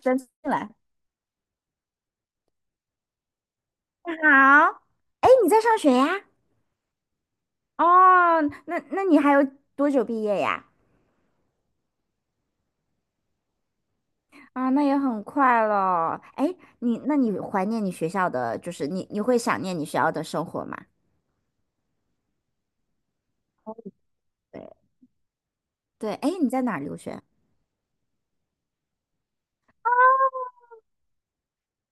真进来。你好，哎，你在上学呀？哦，那你还有多久毕业呀？啊，那也很快了。哎，你怀念你学校的，就是你会想念你学校的生活吗？对对，哎，你在哪儿留学？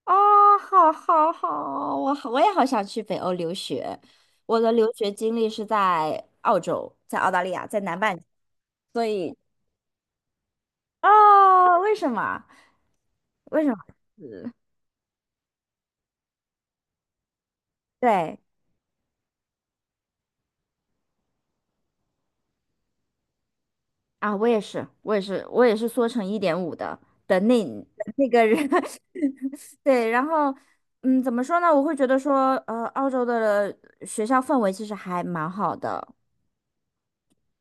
哦，好，好，好，我好，我也好想去北欧留学。我的留学经历是在澳洲，在澳大利亚，在南半球所以，哦，为什么？为什么？嗯对，啊，我也是，我也是，我也是缩成一点五的的那的那个人，对，然后，嗯，怎么说呢？我会觉得说，澳洲的学校氛围其实还蛮好的。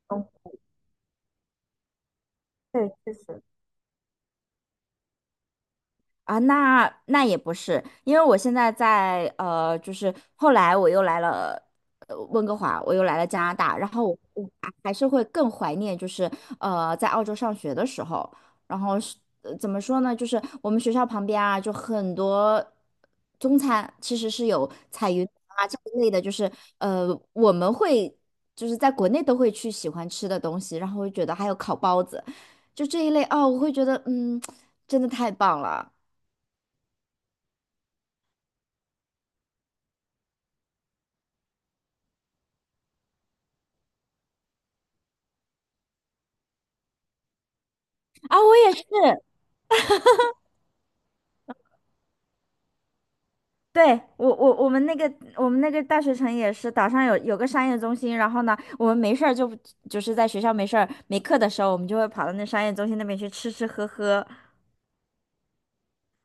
嗯，对，确实。啊，那那也不是，因为我现在在就是后来我又来了温哥华，我又来了加拿大，然后我还还是会更怀念，就是在澳洲上学的时候，然后是怎么说呢，就是我们学校旁边啊，就很多中餐其实是有彩云啊这一类的，就是呃我们会就是在国内都会去喜欢吃的东西，然后会觉得还有烤包子，就这一类哦，我会觉得嗯，真的太棒了。啊，我也是，对，我我我们那个我们那个大学城也是，岛上有个商业中心，然后呢，我们没事儿就就是在学校没事儿没课的时候，我们就会跑到那商业中心那边去吃吃喝喝，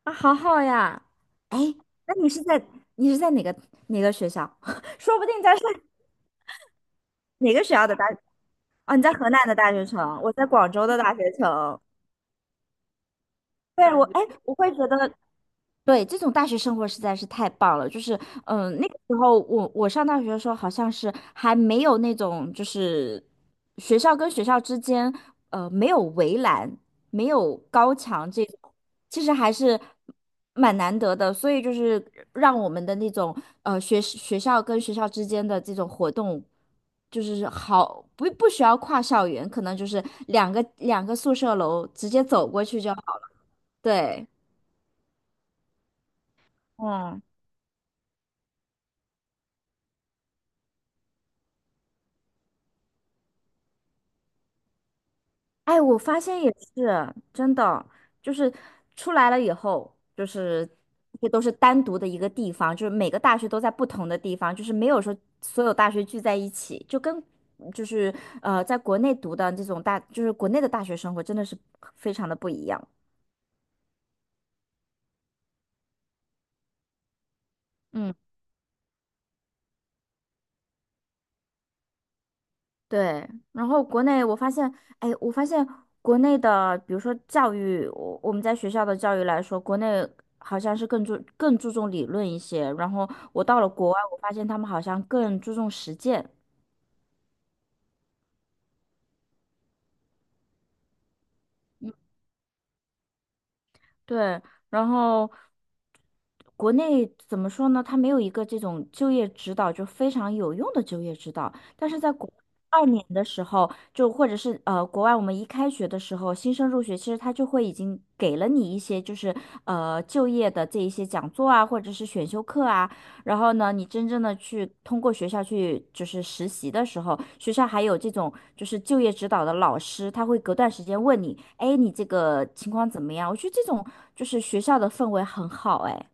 啊，好好呀。哎，那你是在你是在哪个学校？说不定在是哪个学校的大？哦，你在河南的大学城，我在广州的大学城。对，我，哎，我会觉得对，这种大学生活实在是太棒了。就是，嗯、那个时候我上大学的时候，好像是还没有那种，就是学校跟学校之间，没有围栏，没有高墙这种，其实还是蛮难得的。所以就是让我们的那种，学校跟学校之间的这种活动，就是好不不需要跨校园，可能就是两个宿舍楼直接走过去就好了。对，嗯。哎，我发现也是真的，就是出来了以后，就是这都是单独的一个地方，就是每个大学都在不同的地方，就是没有说所有大学聚在一起，就跟就是在国内读的这种大，就是国内的大学生活真的是非常的不一样。嗯。对，然后国内我发现，哎，我发现国内的，比如说教育，我们在学校的教育来说，国内好像是更注重理论一些，然后我到了国外，我发现他们好像更注重实践。对，然后国内怎么说呢？它没有一个这种就业指导，就非常有用的就业指导。但是在国二年的时候，就或者是国外，我们一开学的时候，新生入学，其实他就会已经给了你一些就是就业的这一些讲座啊，或者是选修课啊。然后呢，你真正的去通过学校去就是实习的时候，学校还有这种就是就业指导的老师，他会隔段时间问你，哎，你这个情况怎么样？我觉得这种就是学校的氛围很好，哎。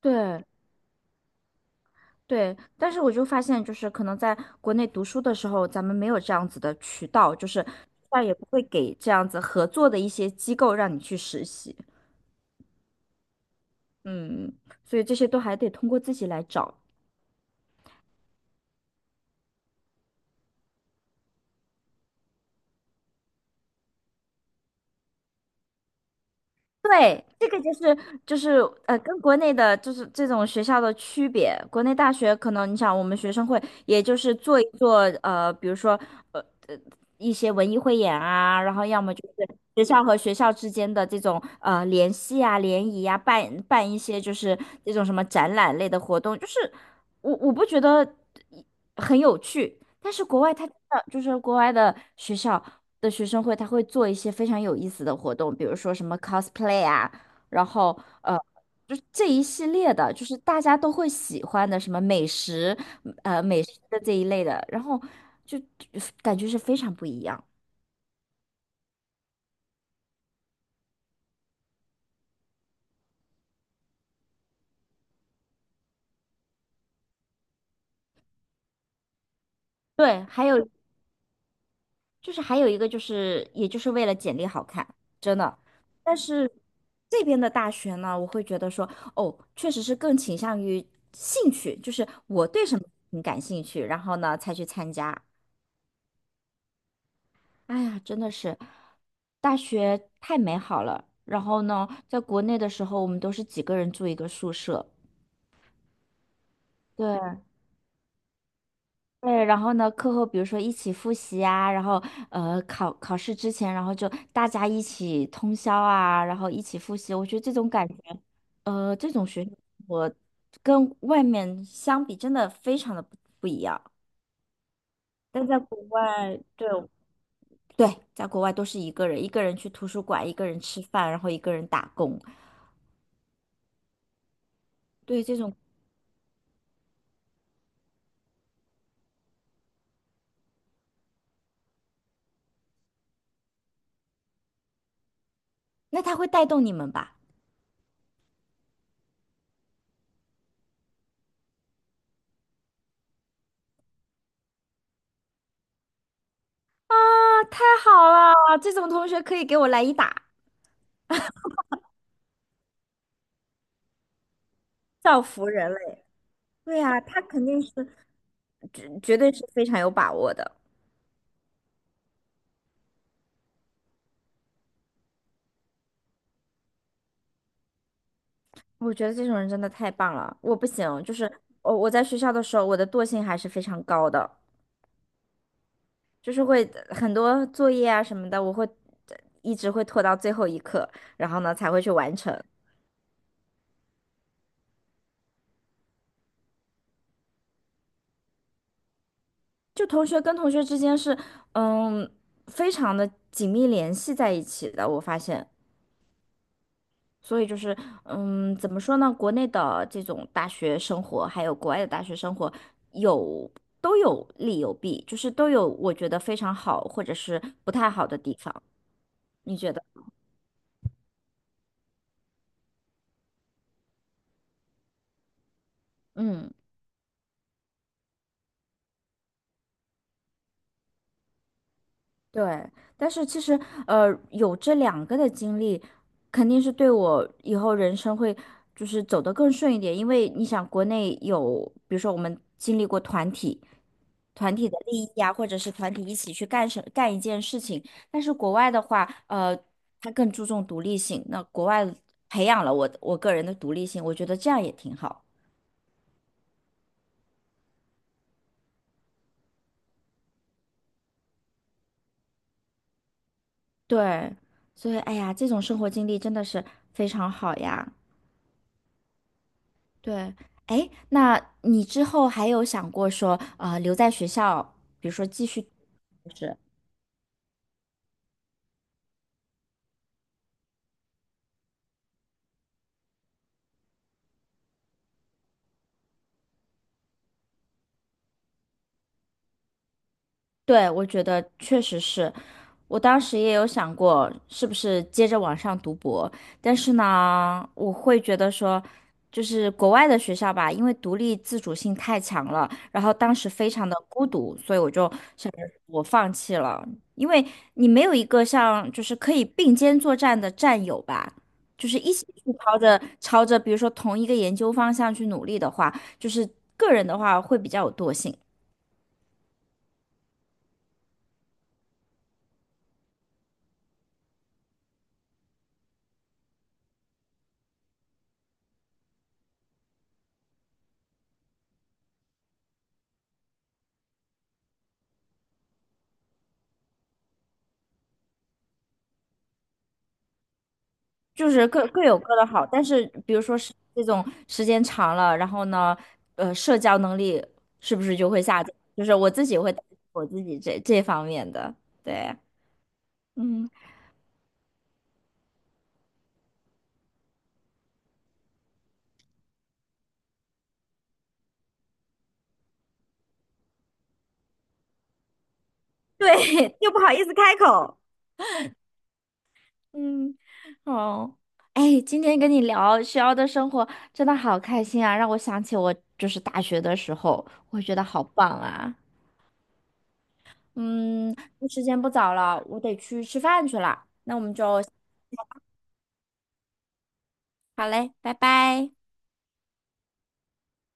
对对，但是我就发现，就是可能在国内读书的时候，咱们没有这样子的渠道，就是学也不会给这样子合作的一些机构让你去实习，嗯，所以这些都还得通过自己来找。对，这个就是就是跟国内的就是这种学校的区别。国内大学可能你想，我们学生会也就是做一做比如说呃呃一些文艺汇演啊，然后要么就是学校和学校之间的这种联系啊、联谊啊，办办一些就是那种什么展览类的活动，就是。我我不觉得很有趣，但是国外他真的就是国外的学校的学生会，他会做一些非常有意思的活动，比如说什么 cosplay 啊，然后呃，就是这一系列的，就是大家都会喜欢的什么美食，美食的这一类的，然后就就感觉是非常不一样。对，还有。就是还有一个就是，也就是为了简历好看，真的。但是这边的大学呢，我会觉得说，哦，确实是更倾向于兴趣，就是我对什么很感兴趣，然后呢才去参加。哎呀，真的是大学太美好了。然后呢，在国内的时候，我们都是几个人住一个宿舍，对。对，然后呢，课后比如说一起复习啊，然后考考试之前，然后就大家一起通宵啊，然后一起复习，我觉得这种感觉，这种学校我跟外面相比，真的非常的不不一样。但在国外，对对，在国外都是一个人，一个人去图书馆，一个人吃饭，然后一个人打工，对这种，那他会带动你们吧？啊，太好了！这种同学可以给我来一打，造福人类。对呀，他肯定是。绝绝对是非常有把握的。我觉得这种人真的太棒了，我不行，就是我在学校的时候，我的惰性还是非常高的，就是会很多作业啊什么的，我会一直会拖到最后一刻，然后呢才会去完成。就同学跟同学之间是，嗯，非常的紧密联系在一起的，我发现。所以就是，嗯，怎么说呢？国内的这种大学生活，还有国外的大学生活，有都有利有弊，就是都有我觉得非常好，或者是不太好的地方。你觉得？嗯，对。但是其实，有这两个的经历，肯定是对我以后人生会就是走得更顺一点，因为你想，国内有，比如说我们经历过团体。团体的利益啊，或者是团体一起去干什干一件事情。但是国外的话，他更注重独立性。那国外培养了我个人的独立性，我觉得这样也挺好。对，所以哎呀，这种生活经历真的是非常好呀。对，哎，那你之后还有想过说，留在学校，比如说继续，就是，对，我觉得确实是，我当时也有想过，是不是接着往上读博，但是呢，我会觉得说，就是国外的学校吧，因为独立自主性太强了，然后当时非常的孤独，所以我就想着我放弃了，因为你没有一个像就是可以并肩作战的战友吧，就是一起去朝着比如说同一个研究方向去努力的话，就是个人的话会比较有惰性。就是各各有各的好，但是比如说是这种时间长了，然后呢，社交能力是不是就会下降？就是我自己会担心我自己这这方面的，对，嗯，对，又不好意思开口，嗯，哦，哎，今天跟你聊学校的生活真的好开心啊，让我想起我就是大学的时候，我觉得好棒啊，嗯，时间不早了，我得去吃饭去了，那我们就好嘞，拜拜。